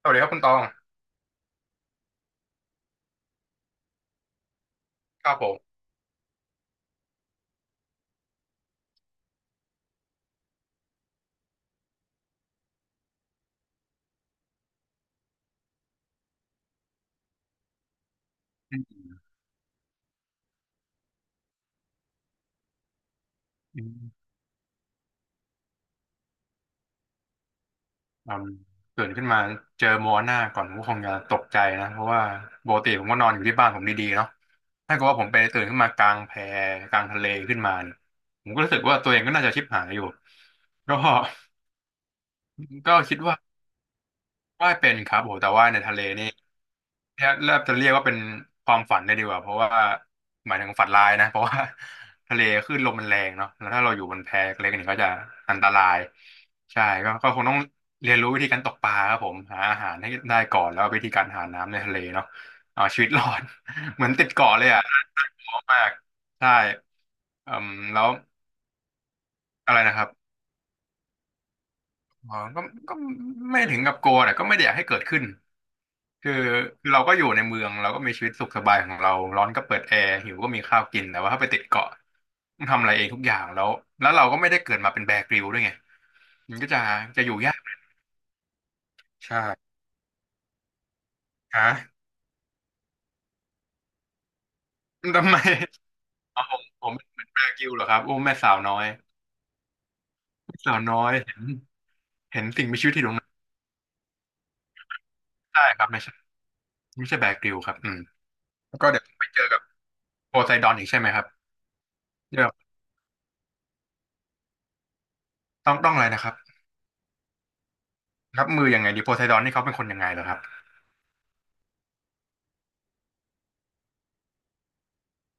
สวัสดีครับคุณตองครับผมอืมอืมอืมตื่นขึ้นมาเจอมัวหน้าก่อนผมก็คงจะตกใจนะเพราะว่าปกติผมก็นอนอยู่ที่บ้านผมดีๆเนาะถ้าเกิดว่าผมไปตื่นขึ้นมากลางแพกลางทะเลขึ้นมาเนี่ยผมก็รู้สึกว่าตัวเองก็น่าจะชิบหายอยู่ก็ ก็คิดว่าว่ายเป็นครับโหแต่ว่าในทะเลนี่ แทบแทบจะเรียกว่าเป็นความฝันได้ดีกว่าเพราะว่าหมายถึงฝันร้ายนะเพราะว่า ทะเลคลื่นลมมันแรงเนาะแล้วถ้าเราอยู่บนแพเล็กนี่ก็จะอันตรายใช่ก็ก็คงต้องเรียนรู้วิธีการตกปลาครับผมหาอาหารให้ได้ก่อนแล้ววิธีการหาน้ำในทะเลเนาะเอาชีวิตรอด เหมือนติดเกาะเลยอ่ะน่ากลัวมากใช่เอมแล้วอะไรนะครับ อ๋อก็ก็ไม่ถึงกับกลัวแต่ก็ไม่ได้อยากให้เกิดขึ้นคือคือเราก็อยู่ในเมืองเราก็มีชีวิตสุขสบายของเราร้อนก็เปิดแอร์หิวก็มีข้าวกินแต่ว่าถ้าไปติดเกาะต้องทำอะไรเองทุกอย่างแล้วแล้วเราก็ไม่ได้เกิดมาเป็นแบร์กริลด้วยไงมันก็จะจะอยู่ยากใช่ฮะทำไมอ๋อผมเป็นแบร์กริลเหรอครับโอ้แม่สาวน้อยแม่สาวน้อยเห็นเห็นสิ่งมีชีวิตที่อยู่ตรงนั้นได้ครับไม่ใช่ไม่ใช่แบร์กริลครับอืมแล้วก็เดี๋ยวไปเจอกับโพไซดอนอีกใช่ไหมครับเดี๋ยวต้องอะไรนะครับ รับมือยังไงดีโพไซดอนนี่เขาเป็นคนยังไงเหรอครับ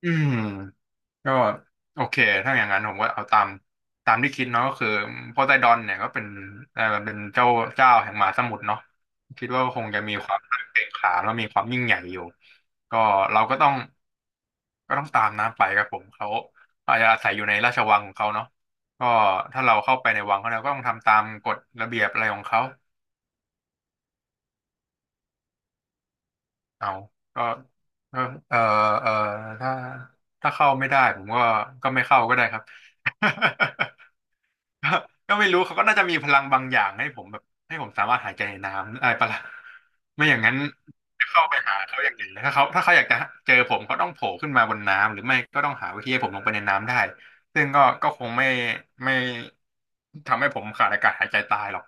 อืมก็โอเคถ้าอย่างนั้นผมก็เอาตามตามที่คิดเนาะก็คือโพไซดอนเนี่ยก็เป็นเป็นเจ้าเจ้าแห่งมหาสมุทรเนาะคิดว่าคงจะมีความเก่งขามแล้วมีความยิ่งใหญ่อยู่ก็เราก็ต้องก็ต้องตามน้ำไปครับผมเขาอาจจะอาศัยอยู่ในราชวังของเขาเนาะก็ถ้าเราเข้าไปในวังเขาเราก็ต้องทำตามกฎระเบียบอะไรของเขา เอาก็ก็เออเออถ้าถ้าเข้าไม่ได้ผมก็ก็ไม่เข้าก็ได้ครับ ก็ก็ไม่รู้เขาก็น่าจะมีพลังบางอย่างให้ผมแบบให้ผมสามารถหายใจในน้ำอะไรปะล่ะไม่อย่างนั้นจะเข้าไปหาเขาอย่างไงถ้าเขาถ้าเขาอยากจะ เจอผม เขาต้องโผล่ขึ้นมาบนน้ำ หรือไม่ก็ต้องหาวิธีให้ผมลงไปในน้ำได้ซึ่งก็ก็คงไม่ไม่ทำให้ผมขาดอากาศหายใจตายหรอก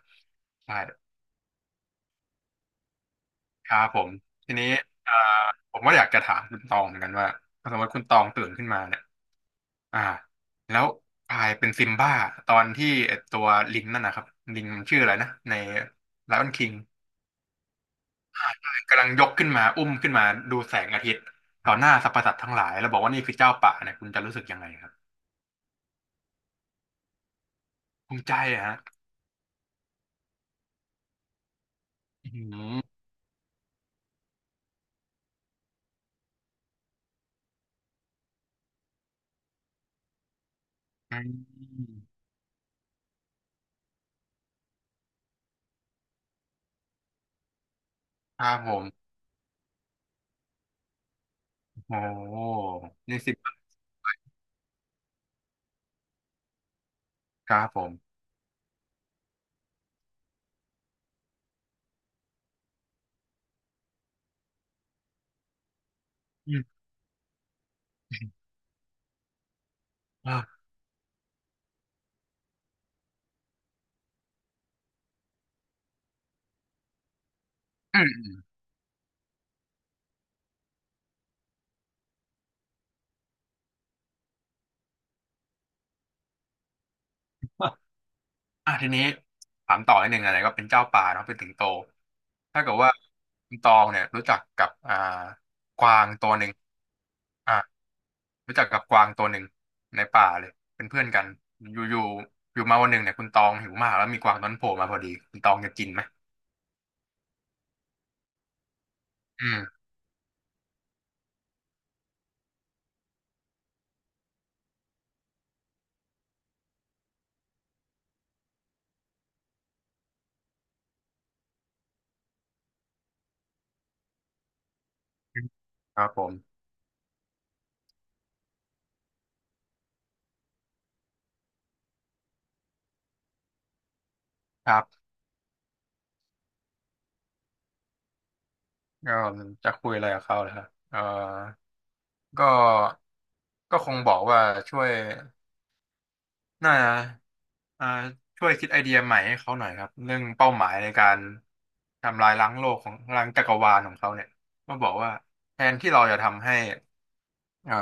ใช่ ครับผมทีนี้เอ่อผมก็อยากจะถามคุณตองเหมือนกันว่าถ้าสมมติคุณตองตื่นขึ้นมาเนี่ยอ่าแล้วกลายเป็นซิมบ้าตอนที่ไอ้ตัวลิงนั่นนะครับลิงมันชื่ออะไรนะใน Lion King กำลังยกขึ้นมาอุ้มขึ้นมาดูแสงอาทิตย์ต่อหน้าสรรพสัตว์ทั้งหลายแล้วบอกว่านี่คือเจ้าป่าเนี่ยคุณจะรู้สึกยังไงครับภูมิใจอะฮะอืมครับผมโอ้โหนี่สิบครับผมอืม อาอืม อ่ะทีนี้ถามต่อนิดนึงอะไรก็เป็นเจ้าป่าเนาะเป็นสิงโตถ้าเกิดว่าคุณตองเนี่ยรู้จักกับกวางตัวหนึ่งอ่ะรู้จักกับกวางตัวหนึ่งในป่าเลยเป็นเพื่อนกันอยู่อยู่อยู่มาวันหนึ่งเนี่ยคุณตองหิวมากแล้วมีกวางตัวนั้นโผล่มาพอดีคุณตองจะกินไหมอืมครับผมครับก็จะคุยอะไรกับเขาเลยครับเออก็ก็คงบอกว่าช่วย น่าจะอ่าช่วยคิดไอเดียใหม่ให้เขาหน่อยครับ เรื่องเป้าหมายในการทำลายล้างโลกของล้างจักรวาลของเขาเนี่ยก็บอกว่าแทนที่เราจะทำให้ อ่า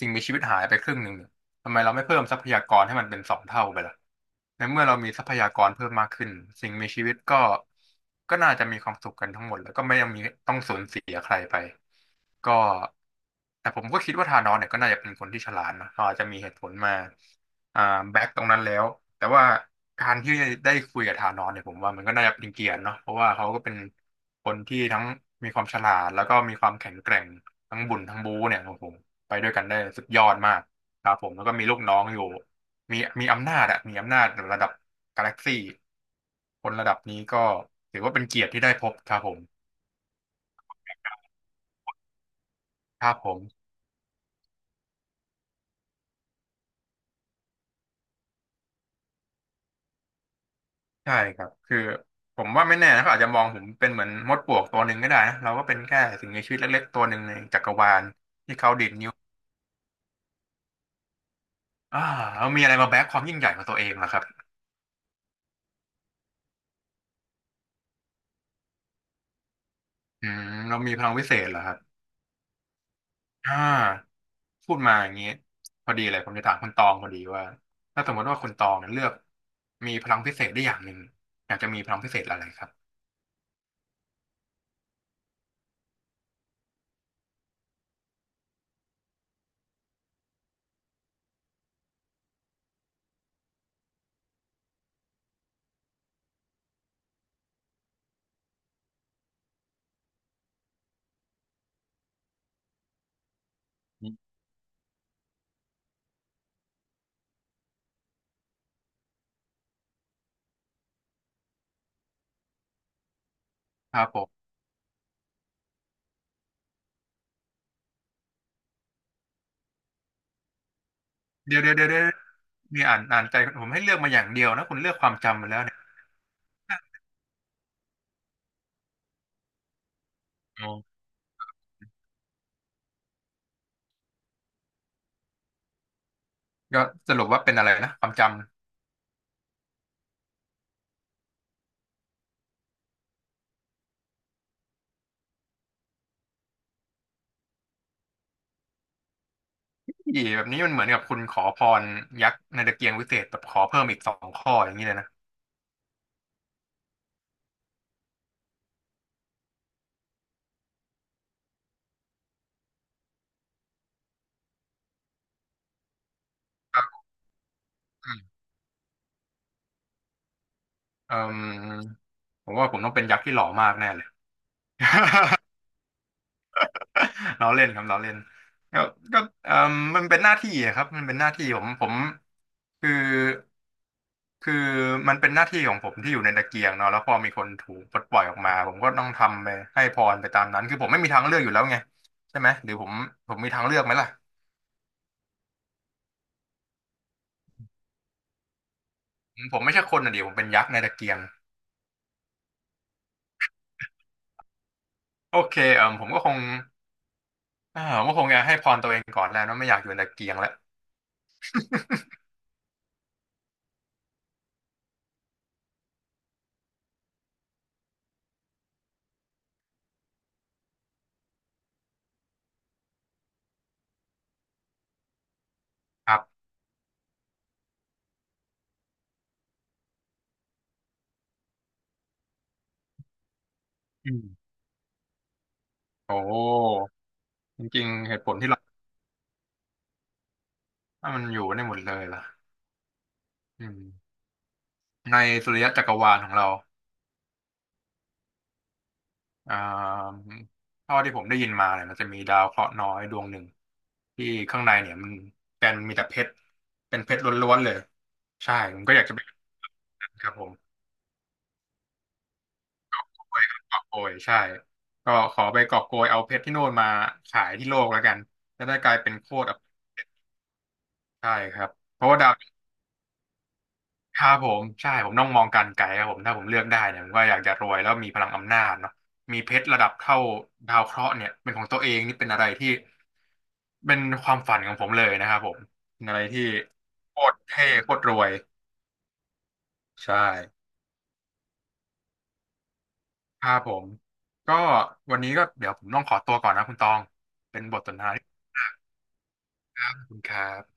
สิ่งมีชีวิตหายไปครึ่งหนึ่งเนี่ยทำไมเราไม่เพิ่มทรัพยากรให้มันเป็นสองเท่าไปล่ะในเมื่อเรามีทรัพยากรเพิ่มมากขึ้นสิ่งมีชีวิตก็ก็น่าจะมีความสุขกันทั้งหมดแล้วก็ไม่ต้องมีต้องสูญเสียใครไปก็แต่ผมก็คิดว่าธานอสเนี่ยก็น่าจะเป็นคนที่ฉลาดนะเขาอาจจะมีเหตุผลมาอ่าแบ็กตรงนั้นแล้วแต่ว่าการที่ได้คุยกับธานอสเนี่ยผมว่ามันก็น่าจะเป็นเกียรติเนาะเพราะว่าเขาก็เป็นคนที่ทั้งมีความฉลาดแล้วก็มีความแข็งแกร่งทั้งบุญทั้งบูเนี่ยครับผม ไปด้วยกันได้สุดยอดมากครับผมแล้วก็มีลูกน้องอยู่มีอำนาจอะมีอำนาจระดับกาแล็กซี่คนระดับนี้ก็ถือว่าเป็นเกียรติที่ได้พบครับผมครับผมใช่ครับคือผมว่าไม่แน่นะเขาอาจจะมองผมเป็นเหมือนมดปลวกตัวหนึ่งก็ได้นะเราก็เป็นแค่สิ่งมีชีวิตเล็กๆตัวหนึ่งในจักรวาลที่เขาดีดนิ้วอ่าแล้วมีอะไรมาแบกความยิ่งใหญ่ของตัวเองล่ะครับอืมเรามีพลังวิเศษเหรอครับอ่า พูดมาอย่างนี้พอดีเลยผมจะถามคุณตองพอดีว่าถ้าสมมติว่าคุณตองเนี่ยเลือกมีพลังพิเศษได้อย่างหนึ่งอยากจะมีพลังพิเศษอะไรครับครับผมเดี๋ยวมีอ่านใจผมให้เลือกมาอย่างเดียวนะคุณเลือกความจำมาแล้วเนี่ยอ๋อก็สรุปว่าเป็นอะไรนะความจำอีแบบนี้มันเหมือนกับคุณขอพรยักษ์ในตะเกียงวิเศษแบบขอเพิ่มอีกสองข้ออย่างนี้เลยนะครับอืมเอ่มผมว่าผมต้องเป็นยักษ์ที่หล่อมากแน่เลย เราเล่นครับเราเล่นก็ก็เออมันเป็นหน้าที่อะครับมันเป็นหน้าที่ผมคือคือมันเป็นหน้าที่ของผมที่อยู่ในตะเกียงเนาะแล้วพอมีคนถูกปลดปล่อยออกมาผมก็ต้องทำไปให้พรไปตามนั้นคือผมไม่มีทางเลือกอยู่แล้วไงใช่ไหมหรือผมมีทางเลือกไหมล่ะผมไม่ใช่คนอ่ะดิผมเป็นยักษ์ในตะเกียงโอเคเออผมก็คงจะให้พรตัวเองก่อนแล้วเนอะไม่อยากอยู่ในตะเกียงแล้วครับอืมโอ้จริงๆเหตุผลที่เราถ้ามันอยู่ได้หมดเลยล่ะอืม ในสุริยะจักรวาลของเราอ่าเท่าที่ผมได้ยินมาเนี่ยมันจะมีดาวเคราะห์น้อยดวงหนึ่งที่ข้างในเนี่ยมันเป็นมีแต่เพชรเป็นเพชรล้วนๆเลย ใช่ผมก็อยากจะไปครับผมไปกอบโกยใช่ก็ขอไปกอบโกยเอาเพชรที่โน่นมาขายที่โลกแล้วกันจะได้กลายเป็นโคตรอภิใช่ครับเพราะว่าดาว ครับผมใช่ผมต้องมองการไกลครับผมถ้าผมเลือกได้เนี่ยผมก็อยากจะรวยแล้วมีพลังอำนาจเนาะมีเพชรระดับเท่าดาวเคราะห์เนี่ยเป็นของตัวเองนี่เป็นอะไรที่เป็นความฝันของผมเลยนะครับผมเป็นอะไรที่โคตรเท่โคตรรวยใช่ครับผมก็วันนี้ก็เดี๋ยวผมต้องขอตัวก่อนนะคุณตองเป็นบทสนทนาที่ขอบคุณครับ